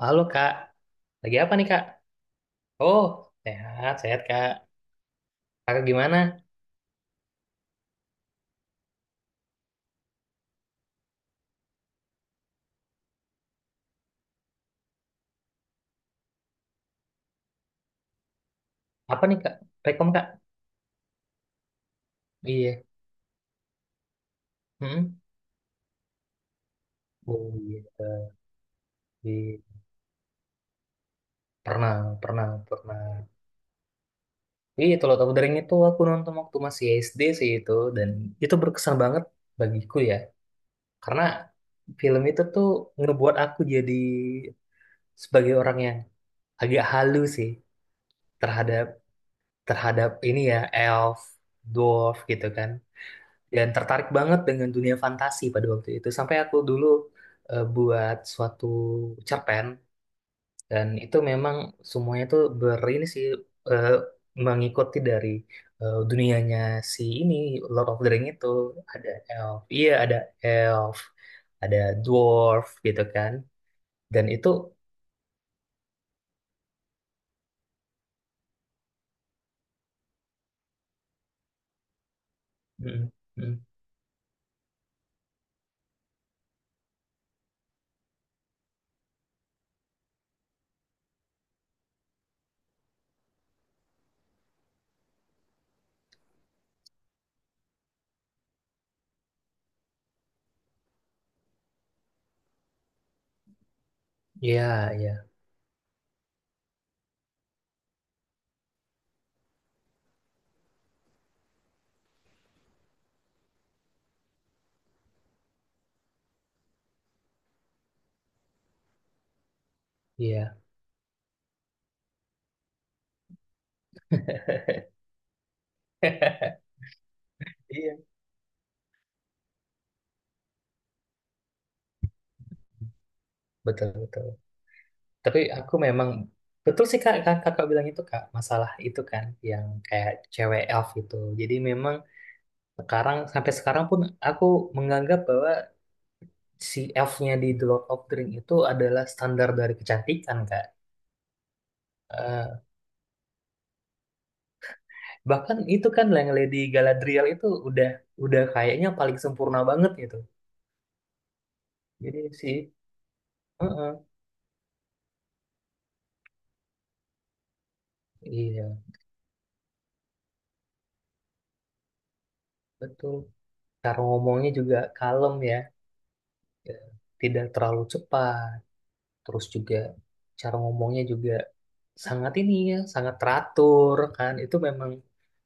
Halo kak, lagi apa nih kak? Oh, sehat, sehat kak. Kakak gimana? Apa nih kak? Rekom kak? Iya. Mm. Oh iya. Iya. Pernah, pernah, pernah. Iya, Tulau Tahu Daring itu aku nonton waktu masih SD sih itu. Dan itu berkesan banget bagiku ya. Karena film itu tuh ngebuat aku jadi sebagai orang yang agak halu sih terhadap terhadap ini ya, elf, dwarf gitu kan. Dan tertarik banget dengan dunia fantasi pada waktu itu sampai aku dulu buat suatu cerpen, dan itu memang semuanya tuh ber ini sih, eh, mengikuti dari dunianya si ini Lord of the Ring itu, ada elf, iya ada elf, ada dwarf gitu kan. Dan itu mm, mm, iya, iya, iya. Iya, betul betul. Tapi aku memang betul sih kak, kakak bilang itu kak, masalah itu kan yang kayak cewek elf itu. Jadi memang sekarang sampai sekarang pun aku menganggap bahwa si elfnya di The Lord of the Ring itu adalah standar dari kecantikan kak. Eh, Bahkan itu kan yang Lady Galadriel itu udah kayaknya paling sempurna banget gitu. Jadi sih, heeh, iya betul. Cara ngomongnya juga kalem ya, tidak terlalu cepat. Terus juga cara ngomongnya juga sangat ini ya, sangat teratur kan. Itu memang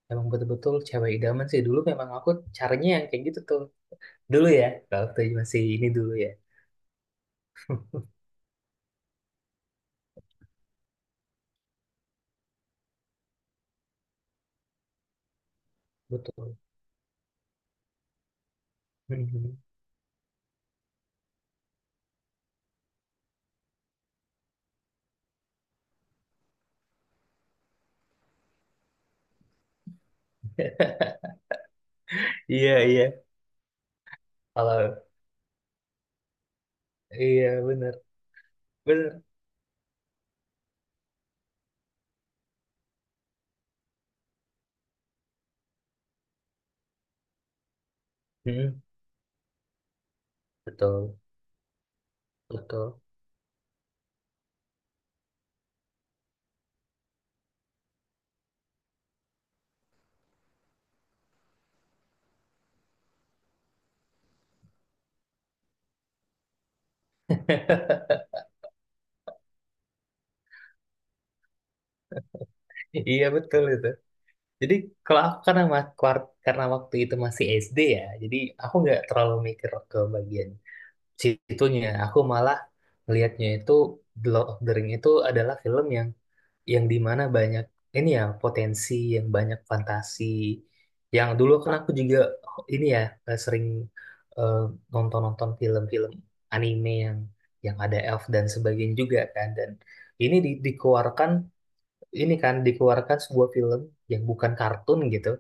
memang betul-betul cewek idaman sih. Dulu memang aku caranya yang kayak gitu tuh. Dulu ya, waktu masih ini dulu ya. Betul. Mhm. Iya, iya. Kalau iya bener, bener. Mhm. Betul, betul. Iya betul itu. Jadi kalau aku, karena karena waktu itu masih SD ya, jadi aku nggak terlalu mikir ke bagian situnya. Aku malah melihatnya itu, The Lord of the Ring itu adalah film yang dimana banyak ini ya, potensi yang banyak fantasi, yang dulu kan aku juga ini ya, sering eh, nonton-nonton film-film anime yang ada elf dan sebagainya juga kan. Dan ini dikeluarkan, ini kan dikeluarkan sebuah film yang bukan kartun gitu,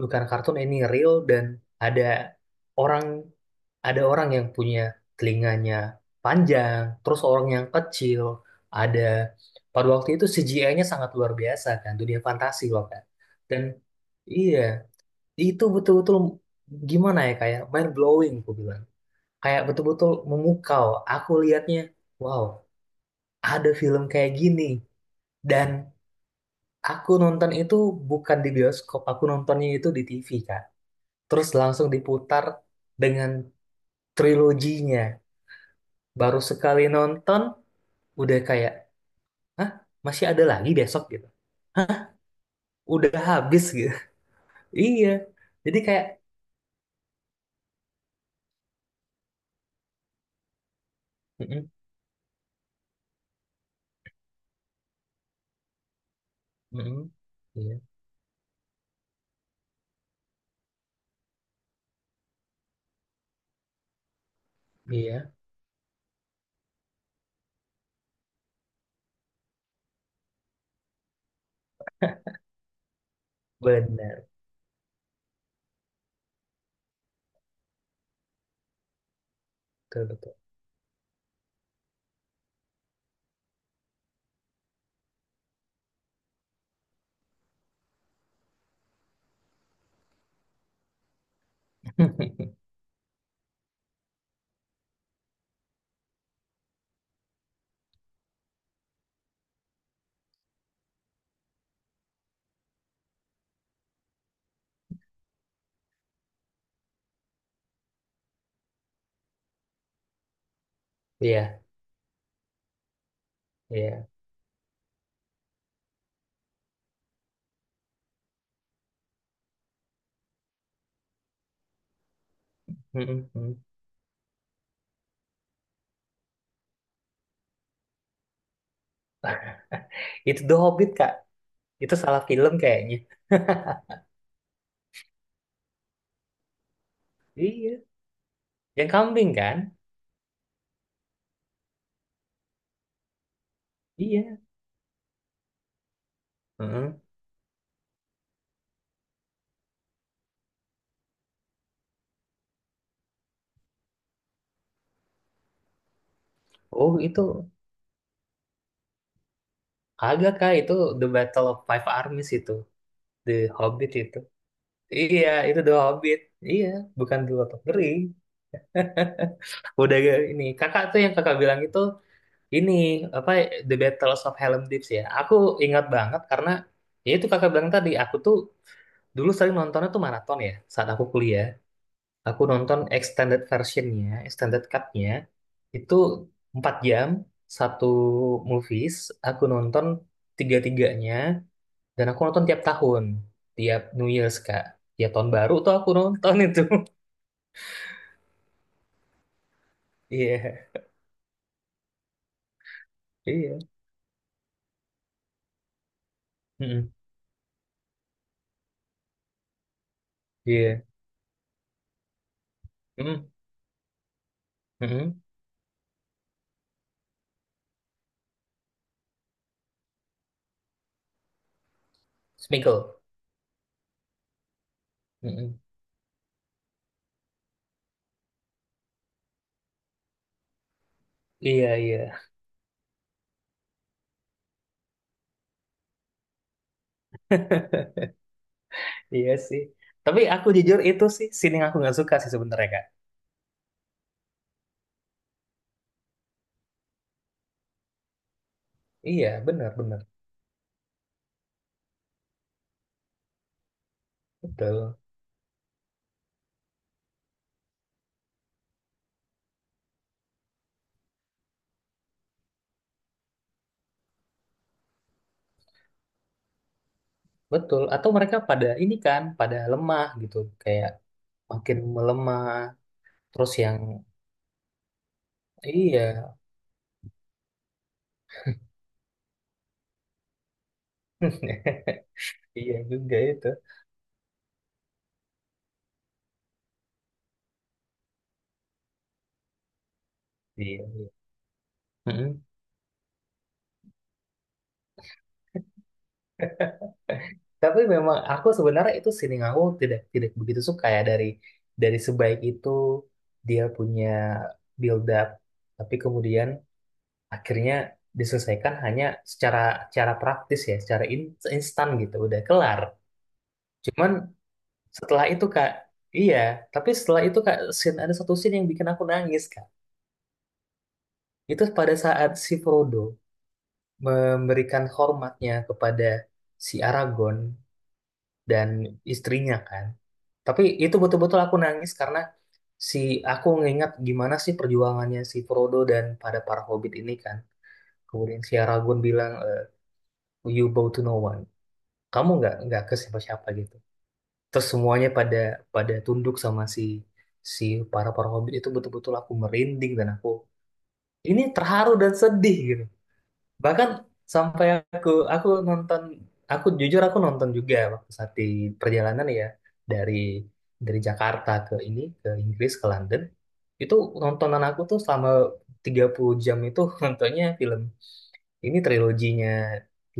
bukan kartun, ini real, dan ada orang, ada orang yang punya telinganya panjang, terus orang yang kecil, ada pada waktu itu CGI-nya sangat luar biasa kan, dunia fantasi loh kan. Dan iya, itu betul-betul gimana ya, kayak mind blowing aku bilang. Kayak betul-betul memukau. Aku lihatnya, wow, ada film kayak gini. Dan aku nonton itu bukan di bioskop, aku nontonnya itu di TV kak. Terus langsung diputar dengan triloginya. Baru sekali nonton udah kayak, hah? Masih ada lagi besok gitu. Hah? Udah habis gitu. Iya, jadi kayak mm-mm, mm-mm, iya iya, benar, betul betul. Hmm, iya iya. Mm-mm, mm. Itu The Hobbit kak, itu salah film kayaknya. Iya, yang kambing kan. Iya. Mm. Oh itu, agak kak itu The Battle of Five Armies itu. The Hobbit itu, iya itu The Hobbit, iya, bukan The Lord of the Ring. Ini kakak tuh yang kakak bilang itu, ini apa, The Battles of Harlem Deep ya. Aku ingat banget karena, ya itu kakak bilang tadi, aku tuh dulu sering nontonnya tuh maraton ya saat aku kuliah. Aku nonton extended versionnya, extended cutnya itu 4 jam satu movies. Aku nonton tiga-tiganya, dan aku nonton tiap tahun, tiap New Year's kak. Ya tahun baru tuh aku nonton itu. Iya, iya, mm-mm, iya, mm-mm, mm-mm. Sminkle. Mm-mm. Iya, iya. Iya sih. Tapi aku jujur itu sih scene yang aku nggak suka sih sebenarnya, Kak. Iya, benar, benar. Betul. Betul. Atau mereka pada ini kan, pada lemah gitu. Kayak makin melemah. Terus yang, iya. Iya juga itu. Iya, iya. Mm-mm. Tapi memang aku sebenarnya itu scene yang aku tidak tidak begitu suka ya, dari sebaik itu dia punya build up, tapi kemudian akhirnya diselesaikan hanya secara secara praktis ya, secara instan gitu, udah kelar. Cuman setelah itu Kak, iya, tapi setelah itu Kak, scene, ada satu scene yang bikin aku nangis Kak. Itu pada saat si Frodo memberikan hormatnya kepada si Aragorn dan istrinya kan. Tapi itu betul-betul aku nangis karena si, aku ngingat gimana sih perjuangannya si Frodo dan pada para hobbit ini kan. Kemudian si Aragorn bilang, eh, you bow to no one. Kamu nggak ke siapa-siapa gitu, terus semuanya pada pada tunduk sama si si para para hobbit itu, betul-betul aku merinding dan aku ini terharu dan sedih gitu. Bahkan sampai aku nonton, aku jujur aku nonton juga waktu saat di perjalanan ya, dari dari Jakarta ke ini ke Inggris, ke London, itu nontonan aku tuh selama 30 jam itu nontonnya film ini, triloginya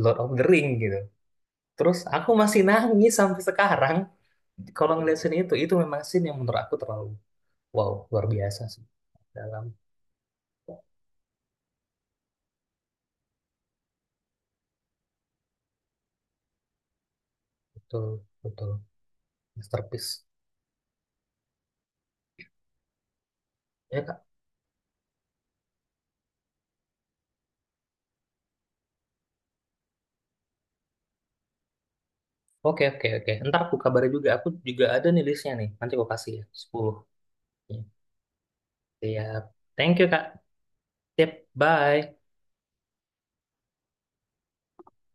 Lord of the Ring gitu. Terus aku masih nangis sampai sekarang kalau ngeliat scene itu memang scene yang menurut aku terlalu wow, luar biasa sih. Dalam, betul betul masterpiece. Ya Kak. Oke oke oke. Ntar aku kabari juga. Aku juga ada nih listnya nih. Nanti aku kasih ya 10. Ya. Siap. Thank you Kak. Tip. Bye.